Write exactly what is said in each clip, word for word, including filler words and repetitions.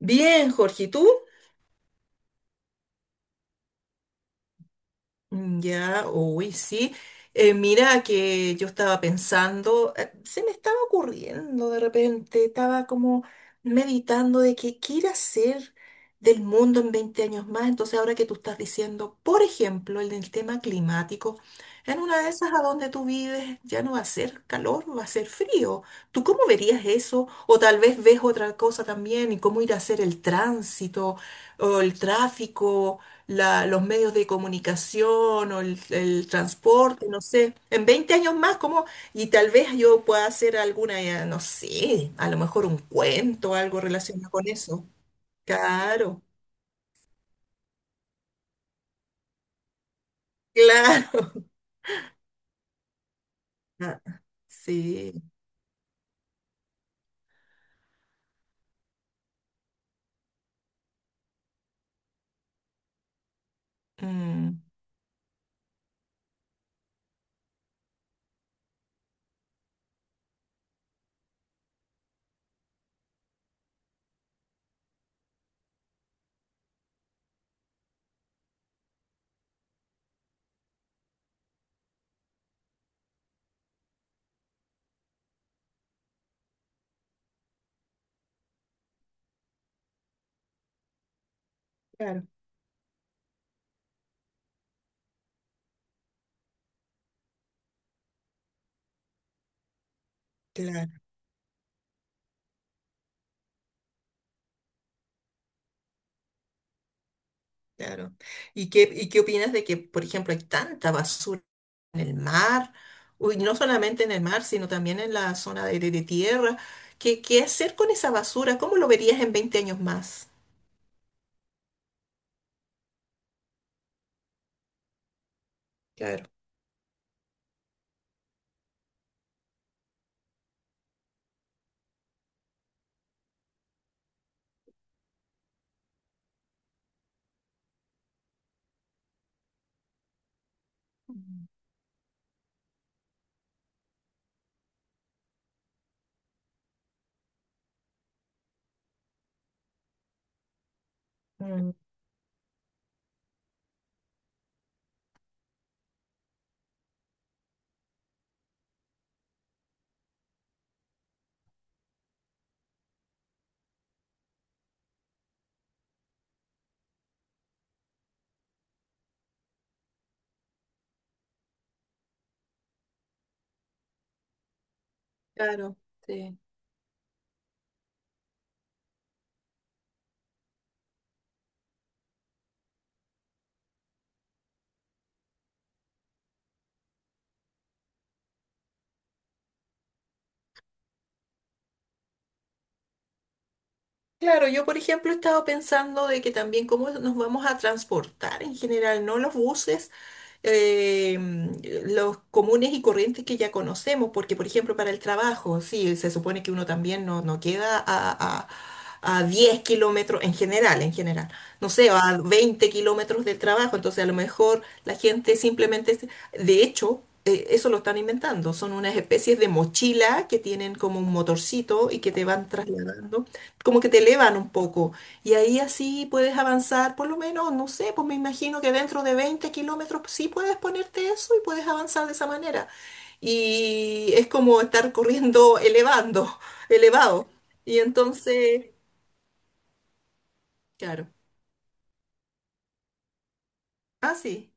Bien, Jorge, ¿y tú? Mm, ya, uy, sí. Eh, mira que yo estaba pensando, eh, se me estaba ocurriendo de repente, estaba como meditando de que qué ir a hacer del mundo en veinte años más. Entonces, ahora que tú estás diciendo, por ejemplo, el del tema climático, en una de esas a donde tú vives ya no va a ser calor, va a ser frío. ¿Tú cómo verías eso? O tal vez ves otra cosa también y cómo ir a hacer el tránsito o el tráfico. La- los medios de comunicación o el, el transporte, no sé, en veinte años más, como, y tal vez yo pueda hacer alguna, eh, no sé, a lo mejor un cuento, algo relacionado con eso. Claro, claro. Ah, sí. Mm, claro, claro, claro. ¿Y qué, y qué opinas de que, por ejemplo, hay tanta basura en el mar? Uy, no solamente en el mar, sino también en la zona de, de- de tierra. ¿Qué, qué hacer con esa basura? ¿Cómo lo verías en veinte años más? Claro. Mm, claro, sí. Claro, yo por ejemplo he estado pensando de que también cómo nos vamos a transportar en general, ¿no? Los buses, eh, los comunes y corrientes que ya conocemos, porque por ejemplo para el trabajo, sí, se supone que uno también no, no queda a, a, a diez kilómetros en general, en general, no sé, a veinte kilómetros del trabajo, entonces a lo mejor la gente simplemente, se- de hecho, eh, eso lo están inventando, son unas especies de mochila que tienen como un motorcito y que te van trasladando como que te elevan un poco. Y ahí así puedes avanzar, por lo menos, no sé, pues me imagino que dentro de veinte kilómetros sí puedes ponerte eso y puedes avanzar de esa manera. Y es como estar corriendo elevando, elevado. Y entonces, claro. Ah, sí.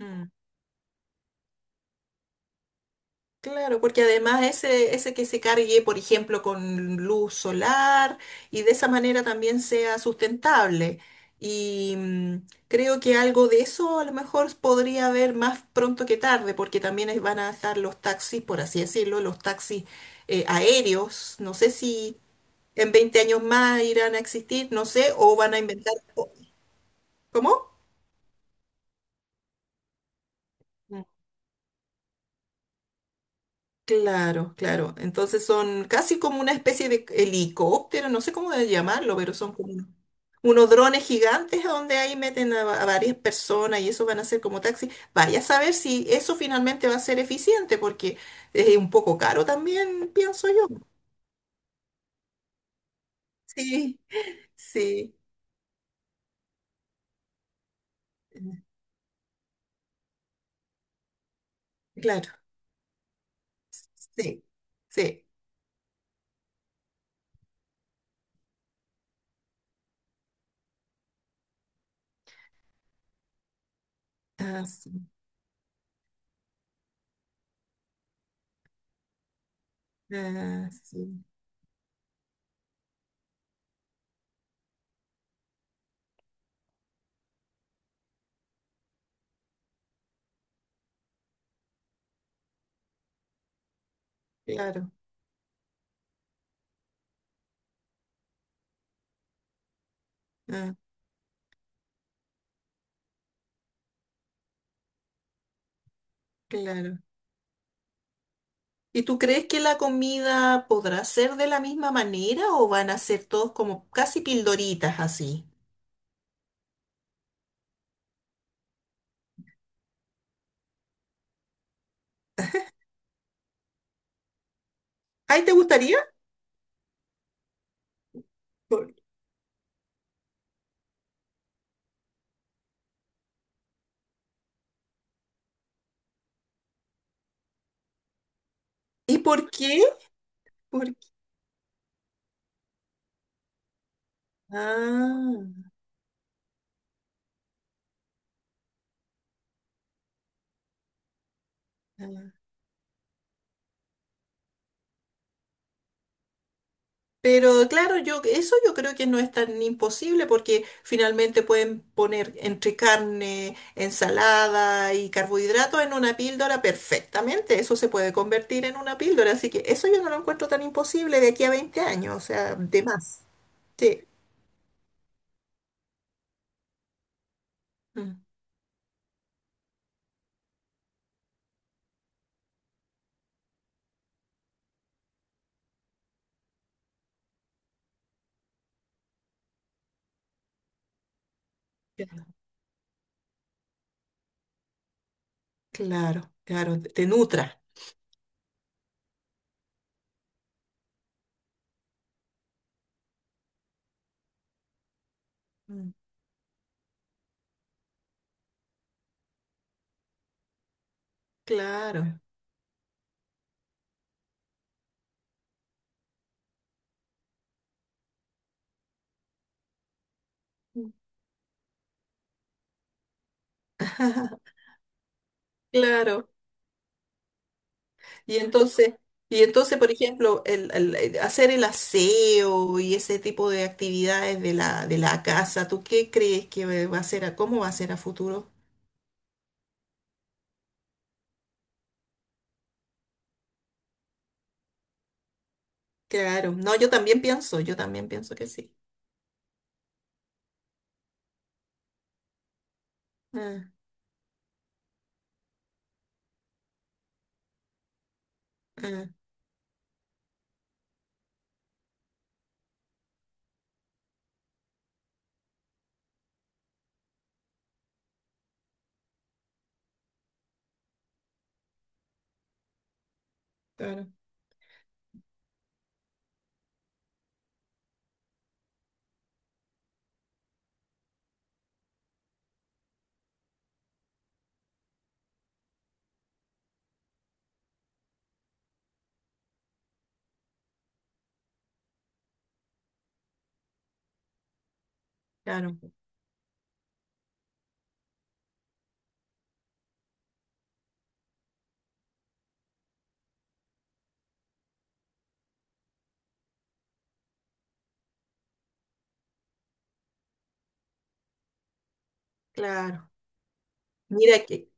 Eleva. Claro, porque además ese, ese que se cargue, por ejemplo, con luz solar y de esa manera también sea sustentable. Y mm, creo que algo de eso a lo mejor podría haber más pronto que tarde, porque también es- van a dejar los taxis, por así decirlo, los taxis eh, aéreos. No sé si en veinte años más irán a existir, no sé, o van a inventar... o- ¿Cómo? Mm. Claro, claro. Entonces son casi como una especie de helicóptero, no sé cómo de llamarlo, pero son como... unos drones gigantes a donde ahí meten a, va- a varias personas y eso van a ser como taxis. Vaya a saber si eso finalmente va a ser eficiente, porque es un poco caro también, pienso yo. Sí, sí, claro, sí, sí, ah, sí, ah, sí, claro, ah, claro. ¿Y tú crees que la comida podrá ser de la misma manera o van a ser todos como casi pildoritas así? ¿Ahí te gustaría? Por- ¿Y por qué? ¿Por qué? Ah. Ah. Pero claro, yo eso yo creo que no es tan imposible porque finalmente pueden poner entre carne, ensalada y carbohidratos en una píldora perfectamente. Eso se puede convertir en una píldora, así que eso yo no lo encuentro tan imposible de aquí a veinte años, o sea, de más. Sí. Mm. Claro, claro, te te nutra. Mm. Claro. Mm. Claro. Y entonces, y entonces, por ejemplo, el, el- el hacer el aseo y ese tipo de actividades de la, de la casa, ¿tú qué crees que va a ser a, cómo va a ser a futuro? Claro, no, yo también pienso, yo también pienso que sí. Ah, ah, claro, claro, claro. Mira, qué,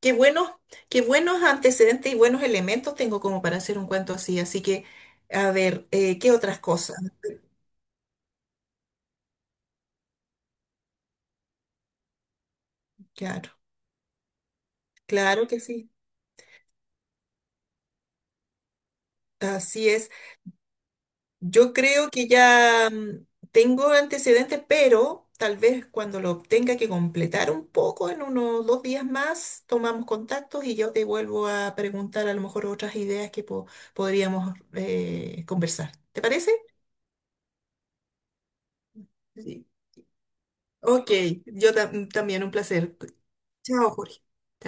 qué buenos, qué buenos antecedentes y buenos elementos tengo como para hacer un cuento así. Así que, a ver, eh, ¿qué otras cosas? Claro, claro que sí. Así es. Yo creo que ya mm, tengo antecedentes, pero tal vez cuando lo tenga que completar un poco, en unos dos días más, tomamos contactos y yo te vuelvo a preguntar a lo mejor otras ideas que po- podríamos eh, conversar. ¿Te parece? Sí. Ok, yo tam- también un placer. Chao, Jorge. Chao.